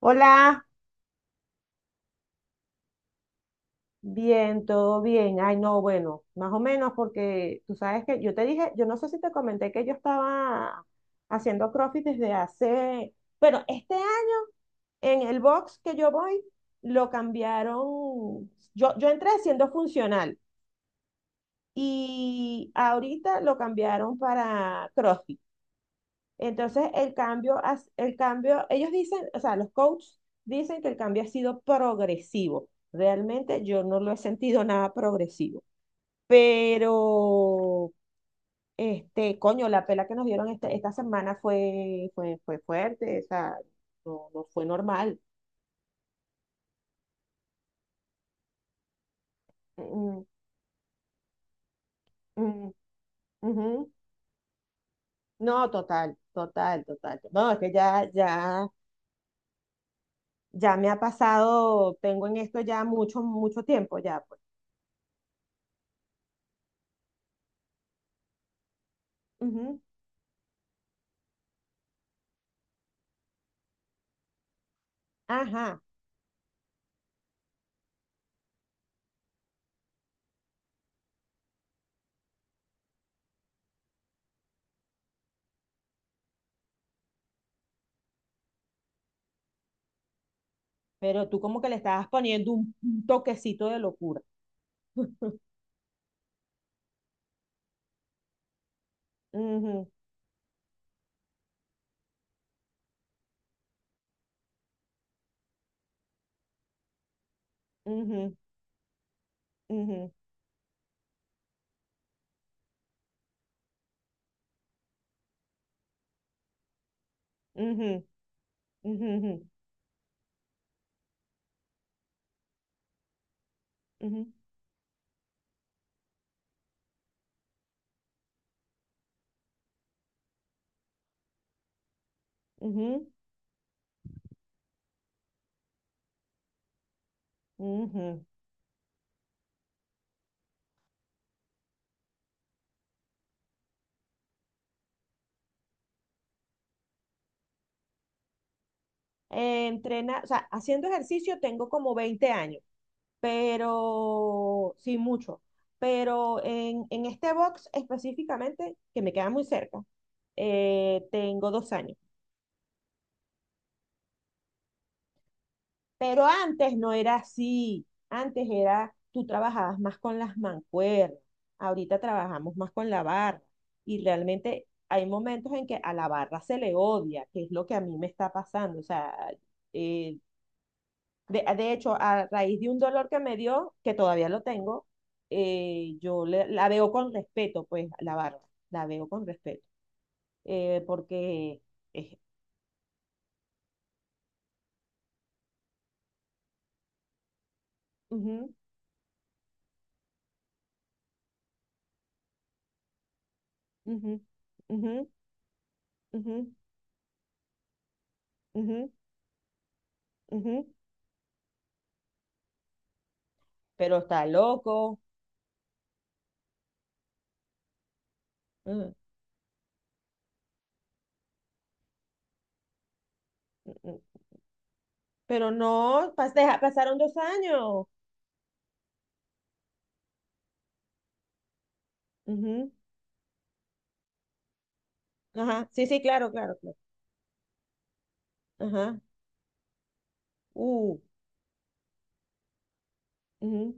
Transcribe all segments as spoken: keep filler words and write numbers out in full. Hola, bien, todo bien. Ay, no, bueno, más o menos porque tú sabes que yo te dije, yo no sé si te comenté que yo estaba haciendo CrossFit desde hace, bueno, este año en el box que yo voy lo cambiaron, yo, yo entré siendo funcional y ahorita lo cambiaron para CrossFit. Entonces, el cambio, has- el cambio, ellos dicen, o sea, los coaches dicen que el cambio ha sido progresivo. Realmente yo no lo he sentido nada progresivo. Pero, este, coño, la pela que nos dieron este- esta semana fue, fue, fue fuerte, o sea, no, no fue normal. Mm, mm, ujú. No, total, total, total. No, es que ya, ya, ya me ha pasado, tengo en esto ya mucho, mucho tiempo ya, pues. Ujú. Ajá. Pero tú como que le estabas poniendo un, un toquecito de locura. Ujú, ujú, ujú, ujú, ujú, ujú, ujú, ujú. Eh, entrena, o sea, haciendo ejercicio tengo como veinte años, pero sí mucho. Pero en, en este box específicamente, que me queda muy cerca, eh, tengo dos años. Pero antes no era así. Antes era, tú trabajabas más con las mancuernas. Ahorita trabajamos más con la barra. Y realmente hay momentos en que a la barra se le odia, que es lo que a mí me está pasando. O sea, eh, de, de hecho, a raíz de un dolor que me dio, que todavía lo tengo, eh, yo le- la veo con respeto, pues, a la barra. La veo con respeto. Eh, porque es. Ujú, ujú, ujú, ujú, ujú, ujú, pero está loco. Mm, mm, mm. Pero no, pas- deja- pasaron dos años. Ujú, ajá, sí, sí, claro, claro, claro. Ajá, uh, ujú.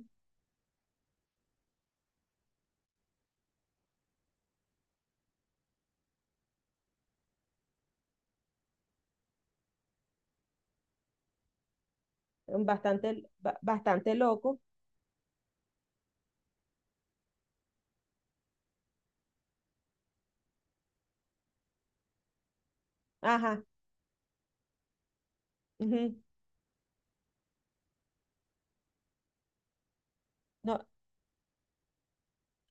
Bastante, ba- bastante loco. Ajá, ujú, no,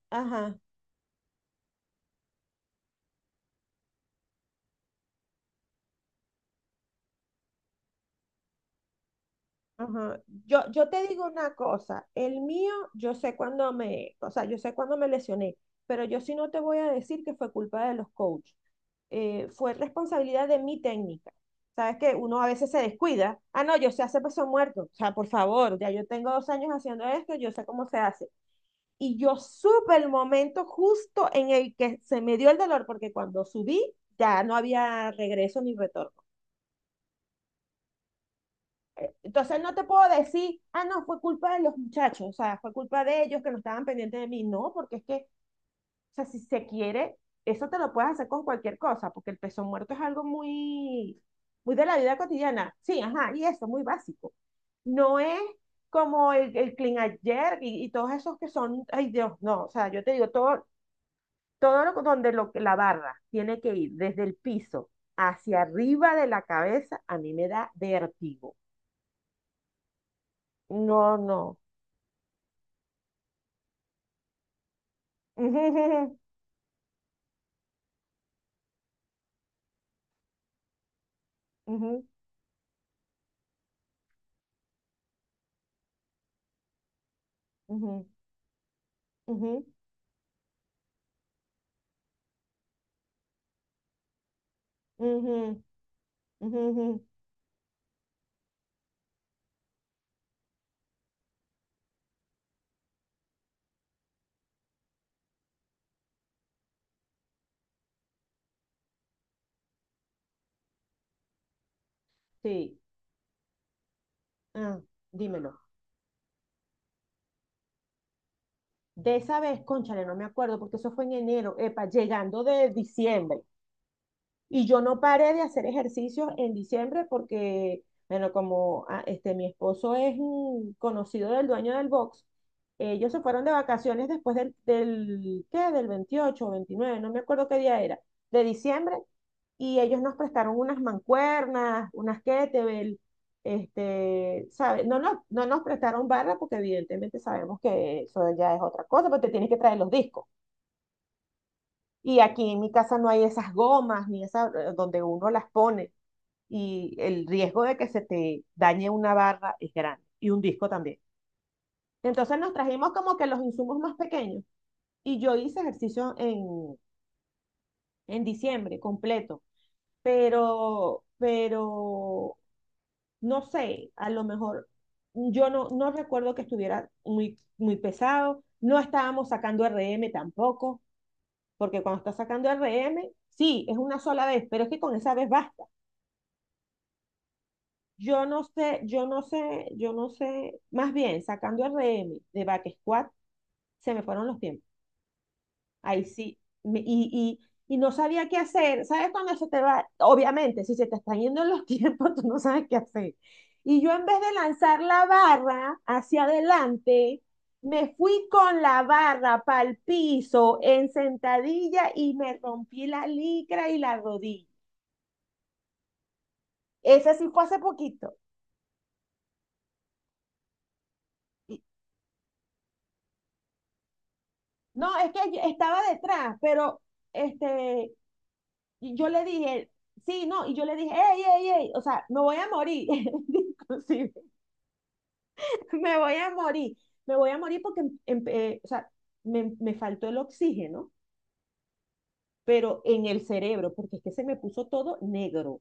ajá. Ajá. Yo, yo te digo una cosa, el mío, yo sé cuándo me, o sea, yo sé cuándo me lesioné, pero yo sí no te voy a decir que fue culpa de los coaches. Eh, fue responsabilidad de mi técnica. Sabes que uno a veces se descuida. Ah, no, yo sé hacer peso muerto. O sea, por favor, ya yo tengo dos años haciendo esto, yo sé cómo se hace. Y yo supe el momento justo en el que se me dio el dolor, porque cuando subí ya no había regreso ni retorno. Entonces no te puedo decir, ah, no, fue culpa de los muchachos, o sea, fue culpa de ellos que no estaban pendientes de mí. No, porque es que, o sea, si se quiere, eso te lo puedes hacer con cualquier cosa, porque el peso muerto es algo muy, muy de la vida cotidiana. Sí, ajá, y eso, muy básico. No es como el, el clean ayer y, y todos esos que son, ay Dios, no, o sea, yo te digo, todo, todo lo, donde lo, la barra tiene que ir desde el piso hacia arriba de la cabeza, a mí me da vértigo. No, no. Ujú, ujú, ujú, ujú, ujú, ujú, ujú. Sí, ah, dímelo. De esa vez, cónchale, no me acuerdo, porque eso fue en enero, epa, llegando de diciembre. Y yo no paré de hacer ejercicios en diciembre porque, bueno, como ah, este, mi esposo es un conocido del dueño del box, ellos se fueron de vacaciones después del, del, ¿qué? Del veintiocho o veintinueve, no me acuerdo qué día era, de diciembre, y ellos nos prestaron unas mancuernas, unas kettlebell, este, ¿sabe? No, no no nos prestaron barra porque evidentemente sabemos que eso ya es otra cosa, pero te tienes que traer los discos. Y aquí en mi casa no hay esas gomas ni esa eh, donde uno las pone y el riesgo de que se te dañe una barra es grande y un disco también. Entonces nos trajimos como que los insumos más pequeños y yo hice ejercicio en, en diciembre completo, pero, pero no sé, a lo mejor yo no, no recuerdo que estuviera muy, muy pesado, no estábamos sacando R M tampoco, porque cuando estás sacando R M, sí, es una sola vez, pero es que con esa vez basta. Yo no sé, yo no sé, yo no sé, más bien sacando R M de back squat, se me fueron los tiempos. Ahí sí. me- y, y, y no sabía qué hacer. ¿Sabes cuando se te va? Obviamente, si se te están yendo los tiempos, tú no sabes qué hacer. Y yo en vez de lanzar la barra hacia adelante, me fui con la barra para el piso en sentadilla y me rompí la licra y la rodilla. Ese sí fue hace poquito. Y- No, es que yo estaba detrás, pero este, y yo le dije, sí, no, y yo le dije, ey, ey, ey, o sea, me voy a morir. Inclusive. Me voy a morir, me voy a morir porque, em- em- eh, o sea, me, me faltó el oxígeno, pero en el cerebro, porque es que se me puso todo negro.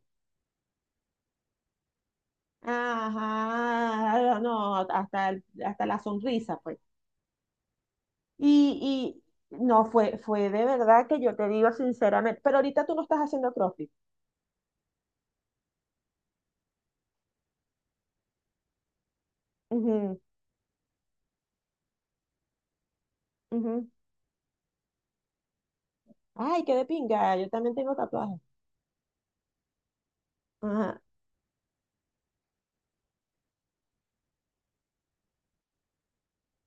Ajá, no, hasta, el- hasta la sonrisa, pues. Y, y no, fue, fue de verdad que yo te digo sinceramente, pero ahorita tú no estás haciendo CrossFit. Ujú, ujú. Ay, qué de pinga, yo también tengo tatuajes. Ajá,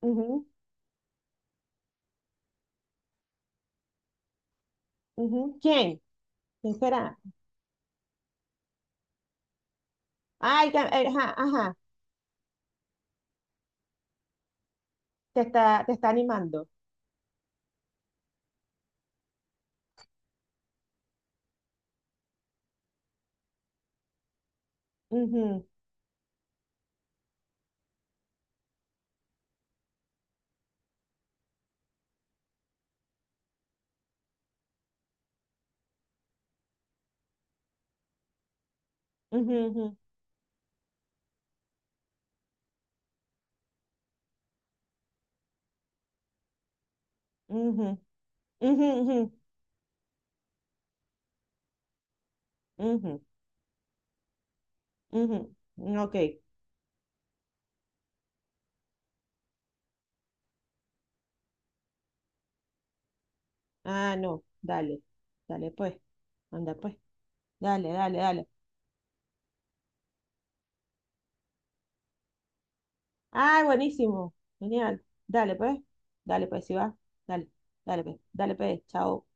ujú, ujú. ¿Quién? ¿Quién será? Ay, que- eh, ajá, ajá, te está, te está animando. Ujú, ujú, ujú, ujú, ujú, ujú, ujú. Ok. Ah, no. Dale. Dale, pues. Anda, pues. Dale, dale, dale. Ah, buenísimo. Genial. Dale, pues. Dale, pues, si va. Dale. Dale, pues. Dale, pues. Chao.